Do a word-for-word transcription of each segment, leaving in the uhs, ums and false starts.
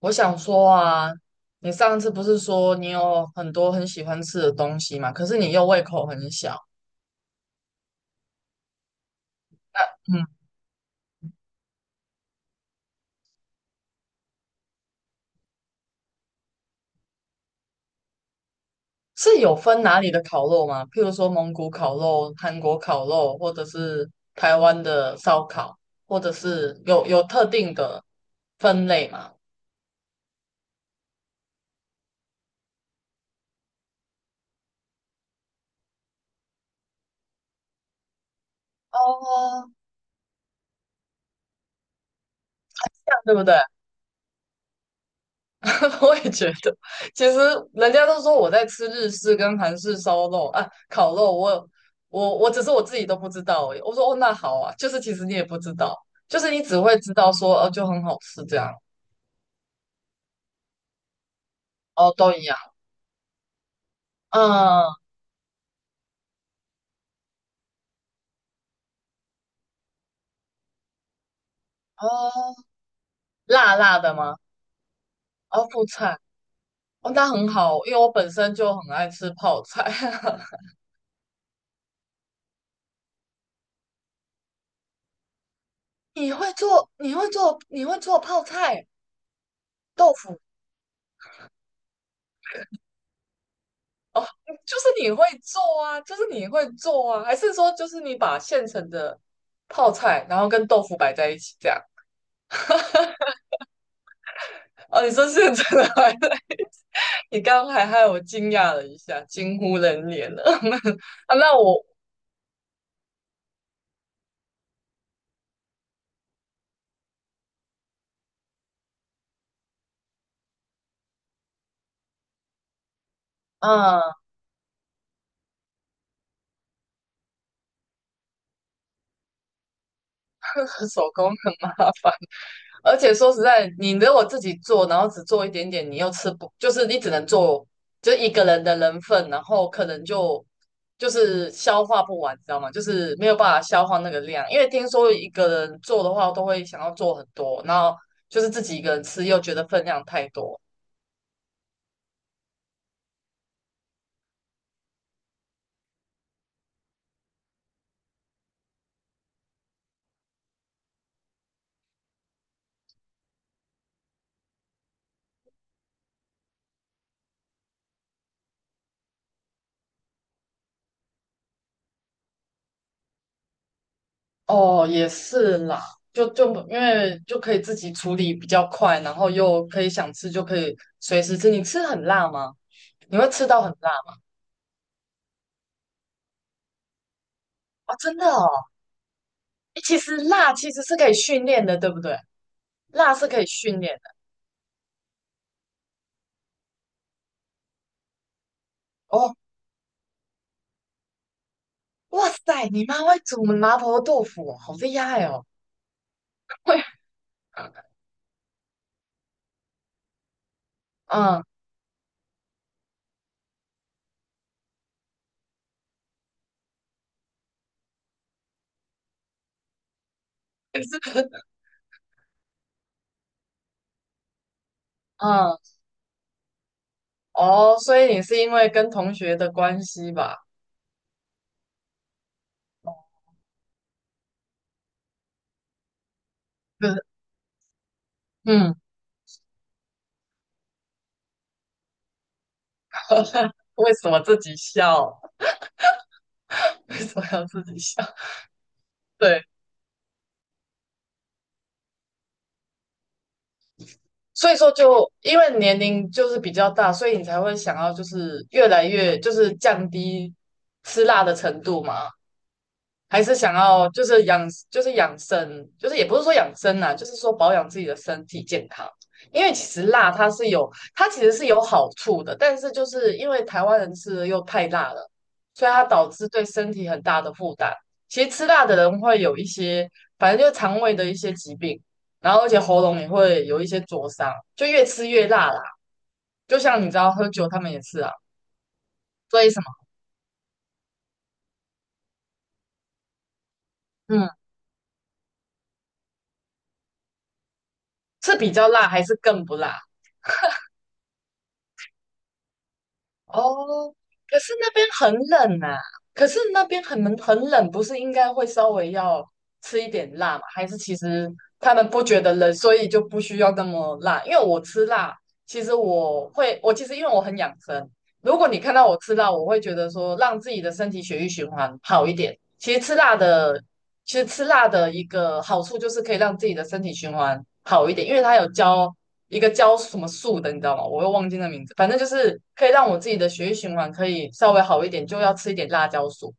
我想说啊，你上次不是说你有很多很喜欢吃的东西嘛？可是你又胃口很小。嗯。是有分哪里的烤肉吗？譬如说蒙古烤肉、韩国烤肉，或者是台湾的烧烤，或者是有有特定的分类吗？哦，这样对不对？我也觉得。其实人家都说我在吃日式跟韩式烧肉啊，烤肉我，我我只是我自己都不知道而已。我说哦，那好啊，就是其实你也不知道，就是你只会知道说哦，就很好吃这样。哦，都一样。嗯。哦，辣辣的吗？哦，副菜。哦，那很好，因为我本身就很爱吃泡菜。你会做，你会做，你会做泡菜豆腐。哦，就是你会做啊，就是你会做啊，还是说就是你把现成的泡菜，然后跟豆腐摆在一起这样？哦，你说现成的还是，你刚刚还害我惊讶了一下，惊呼人脸了。啊，那我嗯。手工很麻烦。而且说实在，你如果自己做，然后只做一点点，你又吃不，就是你只能做就一个人的人份，然后可能就就是消化不完，知道吗？就是没有办法消化那个量，因为听说一个人做的话，都会想要做很多，然后就是自己一个人吃又觉得分量太多。哦，也是啦，就就因为就可以自己处理比较快，然后又可以想吃就可以随时吃。你吃很辣吗？你会吃到很辣啊？真的哦。诶其实辣其实是可以训练的，对不对？辣是可以训练的。哦，哇塞，你妈会煮麻婆豆腐哦好厉害哦！会。嗯。可是。嗯。哦，所以你是因为跟同学的关系吧？哦就是。嗯。为什么自己笑？为什么要自己笑？对，所以说就因为年龄就是比较大，所以你才会想要就是越来越就是降低吃辣的程度嘛。还是想要就是养，就是养生，就是也不是说养生啊，就是说保养自己的身体健康。因为其实辣它是有，它其实是有好处的，但是就是因为台湾人吃的又太辣了，所以它导致对身体很大的负担。其实吃辣的人会有一些，反正就肠胃的一些疾病，然后而且喉咙也会有一些灼伤，就越吃越辣啦。就像你知道喝酒他们也是啊，所以什么。嗯。是比较辣还是更不辣？哦，可是那边很冷啊，可是那边很冷很冷，不是应该会稍微要吃一点辣吗？还是其实他们不觉得冷，所以就不需要那么辣？因为我吃辣，其实我会，我其实因为我很养生，如果你看到我吃辣，我会觉得说让自己的身体血液循环好一点。其实吃辣的，其实吃辣的一个好处就是可以让自己的身体循环好一点，因为它有教一个教什么素的，你知道吗？我又忘记那名字，反正就是可以让我自己的血液循环可以稍微好一点，就要吃一点辣椒素。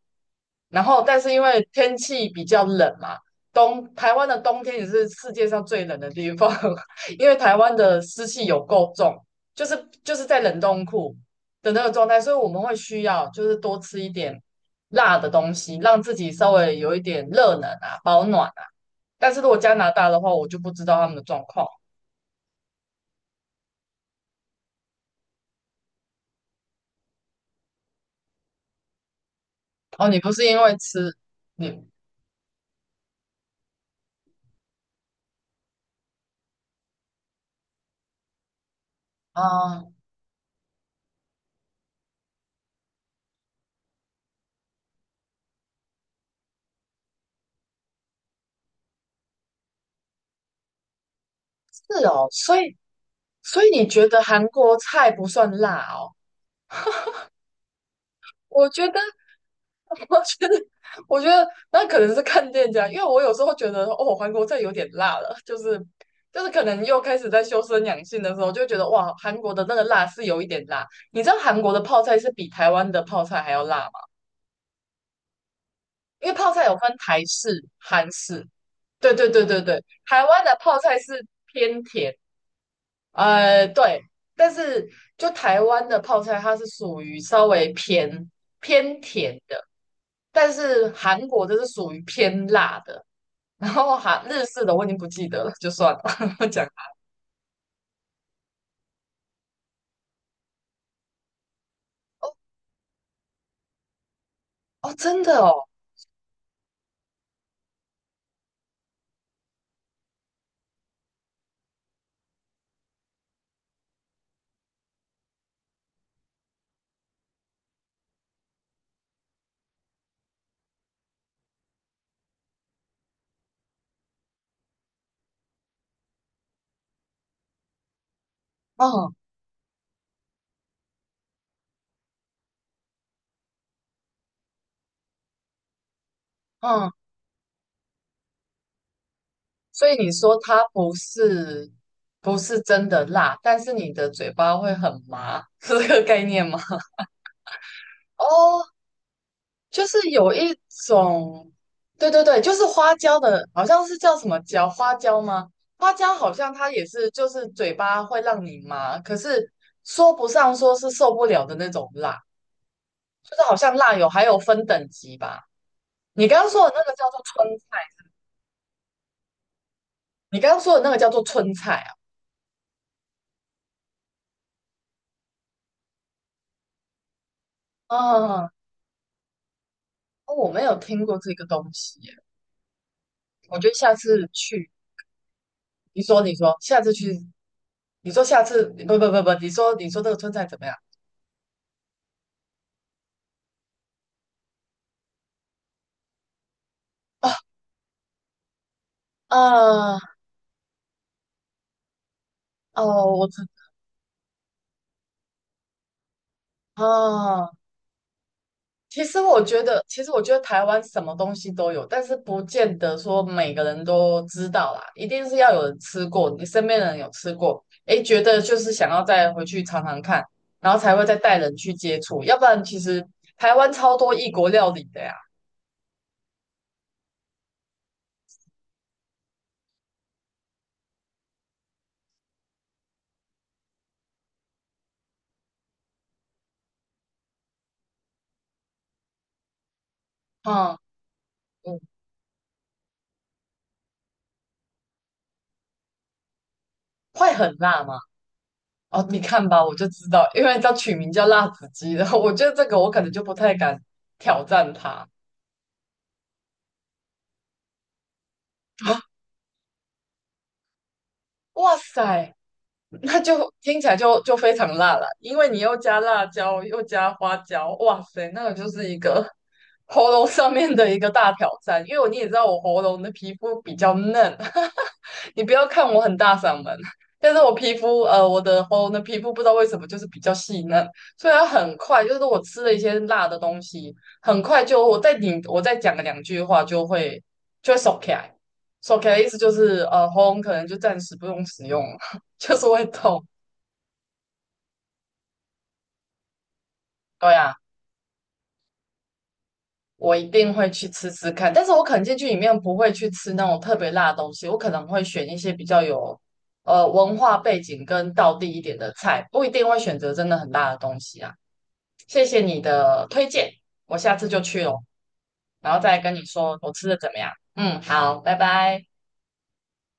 然后但是因为天气比较冷嘛，冬台湾的冬天也是世界上最冷的地方，因为台湾的湿气有够重，就是就是在冷冻库的那个状态，所以我们会需要就是多吃一点辣的东西，让自己稍微有一点热能啊，保暖啊。但是如果加拿大的话，我就不知道他们的状况。哦，你不是因为吃你啊。是哦，所以所以你觉得韩国菜不算辣哦？我觉得我觉得，我觉得那可能是看店家，因为我有时候觉得哦，韩国菜有点辣了，就是就是可能又开始在修身养性的时候，就觉得哇，韩国的那个辣是有一点辣。你知道韩国的泡菜是比台湾的泡菜还要辣吗？因为泡菜有分台式、韩式，对对对对对，台湾的泡菜是偏甜。呃，对，但是就台湾的泡菜，它是属于稍微偏偏甜的，但是韩国的是属于偏辣的。然后韩日式的我已经不记得了，就算了。讲哦，真的哦。嗯嗯。所以你说它不是不是真的辣，但是你的嘴巴会很麻，是这个概念吗？哦，就是有一种，对对对，就是花椒的，好像是叫什么椒，花椒吗？花椒好像它也是，就是嘴巴会让你麻，可是说不上说是受不了的那种辣，就是好像辣有还有分等级吧。你刚刚说的那个叫做春菜。你刚刚说的那个叫做春菜啊？啊，哦我没有听过这个东西耶，我觉得下次去，你说你说，下次去，你说下次，不不不不，你说你说这个春菜怎么样？啊？呃哦，我知啊。其实我觉得，其实我觉得台湾什么东西都有，但是不见得说每个人都知道啦。一定是要有人吃过，你身边的人有吃过，诶，觉得就是想要再回去尝尝看，然后才会再带人去接触。要不然，其实台湾超多异国料理的呀。嗯嗯。会很辣吗？哦，你看吧，我就知道，因为叫取名叫辣子鸡的，我觉得这个我可能就不太敢挑战它。哇塞！那就听起来就就非常辣了，因为你又加辣椒，又加花椒，哇塞，那个就是一个喉咙上面的一个大挑战。因为你也知道我喉咙的皮肤比较嫩，你不要看我很大嗓门，但是我皮肤呃我的喉咙的皮肤不知道为什么就是比较细嫩，所以它很快就是我吃了一些辣的东西，很快就我再顶我再讲个两句话就会就会收起来。手 k 的意思就是，呃，喉咙可能就暂时不用使用，了。就是会痛。对呀，我一定会去吃吃看，但是我可能进去里面不会去吃那种特别辣的东西，我可能会选一些比较有呃文化背景跟道地一点的菜，不一定会选择真的很辣的东西啊。谢谢你的推荐，我下次就去哦，然后再跟你说我吃的怎么样。嗯，好，拜拜。